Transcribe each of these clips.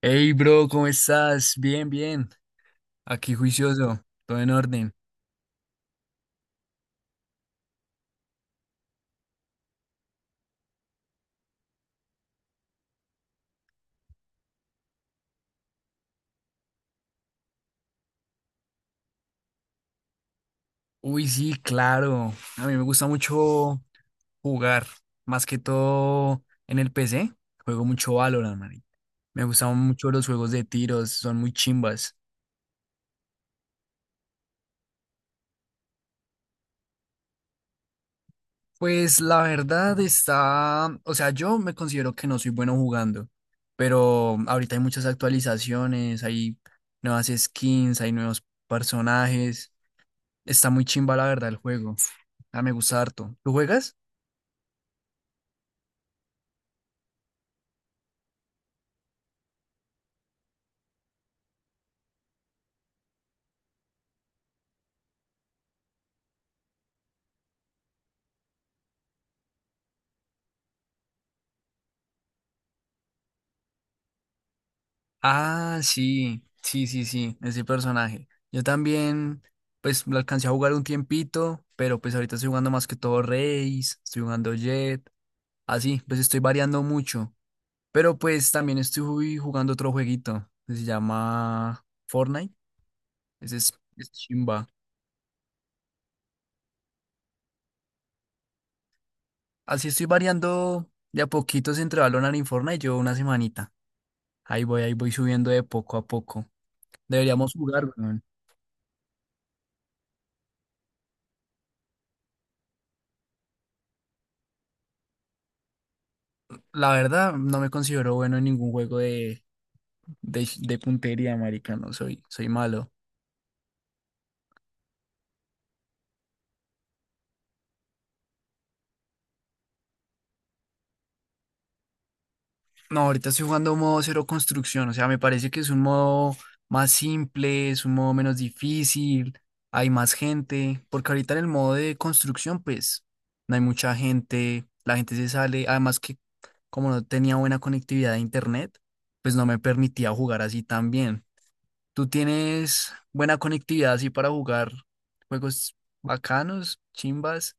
Hey, bro, ¿cómo estás? Bien, bien. Aquí juicioso, todo en orden. Uy, sí, claro. A mí me gusta mucho jugar, más que todo en el PC. Juego mucho Valorant, man. Me gustan mucho los juegos de tiros, son muy chimbas. Pues la verdad está, o sea, yo me considero que no soy bueno jugando, pero ahorita hay muchas actualizaciones, hay nuevas skins, hay nuevos personajes. Está muy chimba la verdad el juego. Ah, me gusta harto. ¿Lo juegas? Ah, sí, sí, sí, sí, ese personaje. Yo también, pues lo alcancé a jugar un tiempito, pero pues ahorita estoy jugando más que todo Reis, estoy jugando Jet, así, pues estoy variando mucho. Pero pues también estoy jugando otro jueguito que se llama Fortnite. Ese es chimba. Así estoy variando de a poquitos entre Valorant y Fortnite, yo una semanita. Ahí voy subiendo de poco a poco. Deberíamos jugar, weón. La verdad, no me considero bueno en ningún juego de puntería, marica, soy malo. No, ahorita estoy jugando modo cero construcción, o sea, me parece que es un modo más simple, es un modo menos difícil, hay más gente, porque ahorita en el modo de construcción, pues, no hay mucha gente, la gente se sale, además que como no tenía buena conectividad a internet, pues no me permitía jugar así tan bien. ¿Tú tienes buena conectividad así para jugar juegos bacanos, chimbas?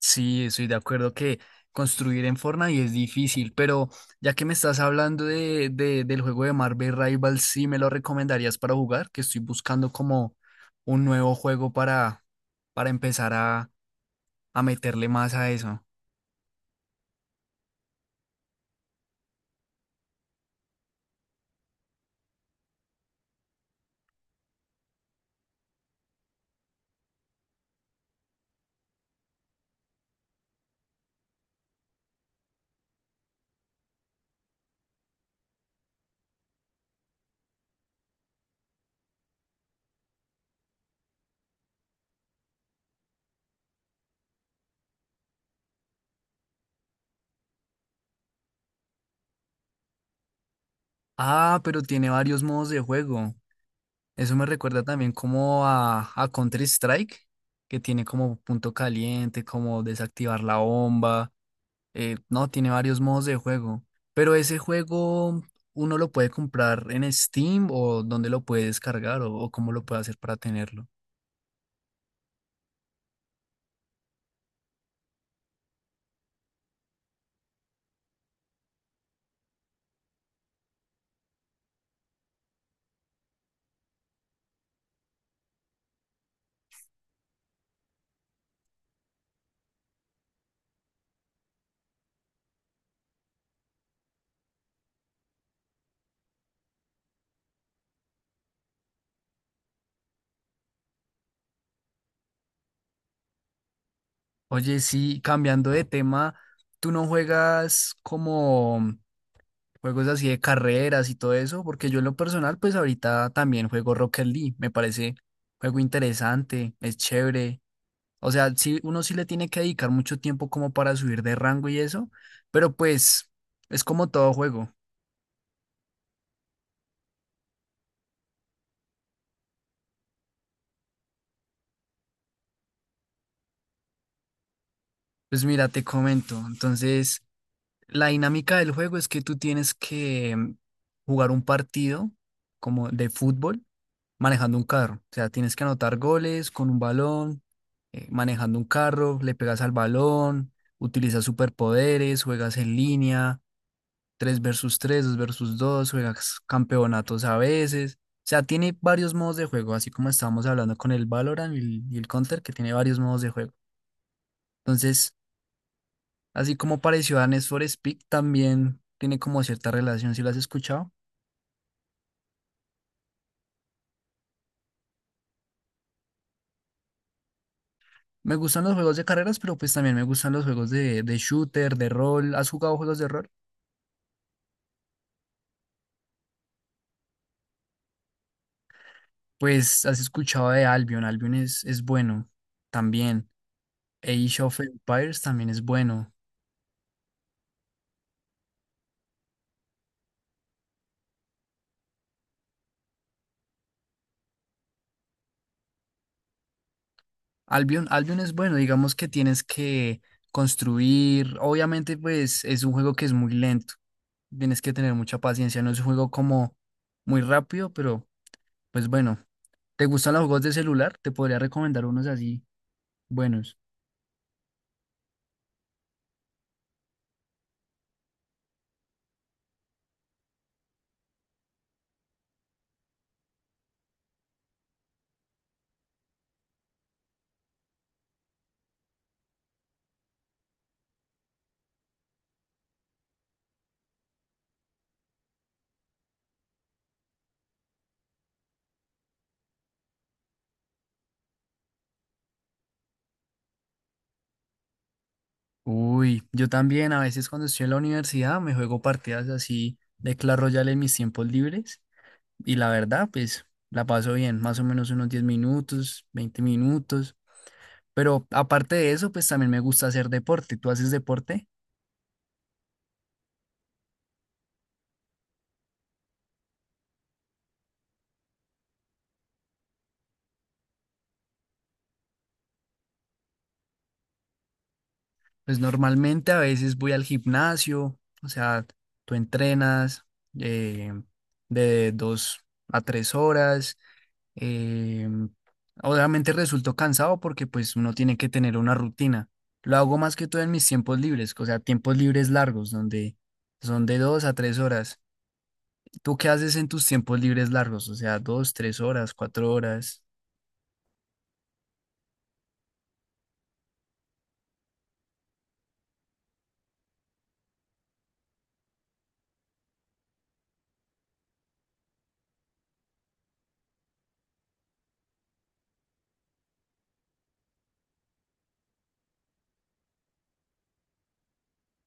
Sí, estoy de acuerdo que construir en Fortnite es difícil, pero ya que me estás hablando del juego de Marvel Rivals. ¿Sí me lo recomendarías para jugar? Que estoy buscando como un nuevo juego para empezar a meterle más a eso. Ah, pero tiene varios modos de juego. Eso me recuerda también como a Counter-Strike, que tiene como punto caliente, como desactivar la bomba. No, tiene varios modos de juego. Pero ese juego uno lo puede comprar en Steam o dónde lo puede descargar o cómo lo puede hacer para tenerlo. Oye, sí, cambiando de tema, ¿tú no juegas como juegos así de carreras y todo eso? Porque yo en lo personal, pues ahorita también juego Rocket League. Me parece juego interesante, es chévere. O sea, sí, uno sí le tiene que dedicar mucho tiempo como para subir de rango y eso, pero pues es como todo juego. Pues mira, te comento. Entonces, la dinámica del juego es que tú tienes que jugar un partido como de fútbol manejando un carro. O sea, tienes que anotar goles con un balón, manejando un carro, le pegas al balón, utilizas superpoderes, juegas en línea. Tres versus tres, 2 versus dos, juegas campeonatos a veces. O sea, tiene varios modos de juego, así como estábamos hablando con el Valorant y el Counter, que tiene varios modos de juego. Entonces, así como pareció a Need for Speed, también tiene como cierta relación, si lo has escuchado. Me gustan los juegos de carreras, pero pues también me gustan los juegos de shooter, de rol. ¿Has jugado juegos de rol? Pues has escuchado de Albion. Albion es bueno también. Age of Empires también es bueno. Albion, Albion es bueno, digamos que tienes que construir, obviamente pues es un juego que es muy lento, tienes que tener mucha paciencia, no es un juego como muy rápido, pero pues bueno, ¿te gustan los juegos de celular? Te podría recomendar unos así buenos. Uy, yo también a veces cuando estoy en la universidad me juego partidas así de Clash Royale en mis tiempos libres y la verdad pues la paso bien, más o menos unos 10 minutos, 20 minutos. Pero aparte de eso, pues también me gusta hacer deporte. ¿Tú haces deporte? Pues normalmente a veces voy al gimnasio, o sea, tú entrenas eh, de 2 a 3 horas. eh, Obviamente resulto cansado porque pues uno tiene que tener una rutina. Lo hago más que todo en mis tiempos libres, o sea, tiempos libres largos, donde son de 2 a 3 horas. ¿Tú qué haces en tus tiempos libres largos? O sea, 2, 3 horas, 4 horas.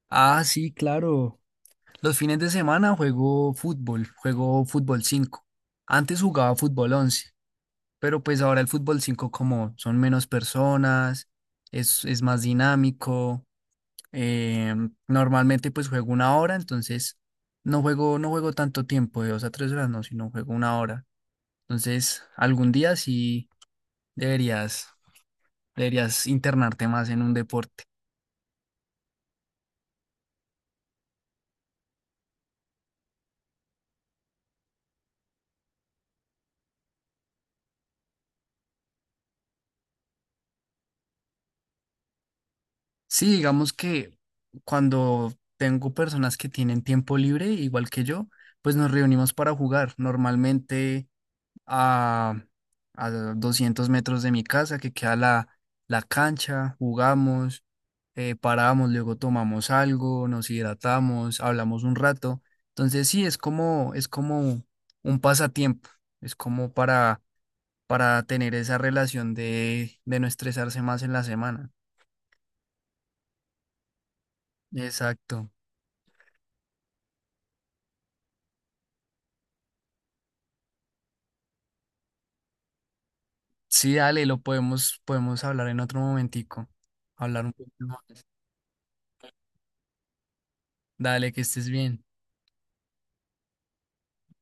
Ah, sí, claro. Los fines de semana juego fútbol, juego fútbol 5. Antes jugaba fútbol 11, pero pues ahora el fútbol 5 como son menos personas, es más dinámico. eh, Normalmente pues juego una hora, entonces no juego tanto tiempo, de 2 a 3 horas, no, sino juego una hora. Entonces algún día sí deberías, deberías internarte más en un deporte. Sí, digamos que cuando tengo personas que tienen tiempo libre, igual que yo, pues nos reunimos para jugar. Normalmente a, a 200 metros de mi casa, que queda la cancha, jugamos, paramos, luego tomamos algo, nos hidratamos, hablamos un rato. Entonces sí, es como un pasatiempo, es como para, tener esa relación de no estresarse más en la semana. Exacto. Sí, dale, podemos hablar en otro momentico. Hablar un poquito más. Dale, que estés bien.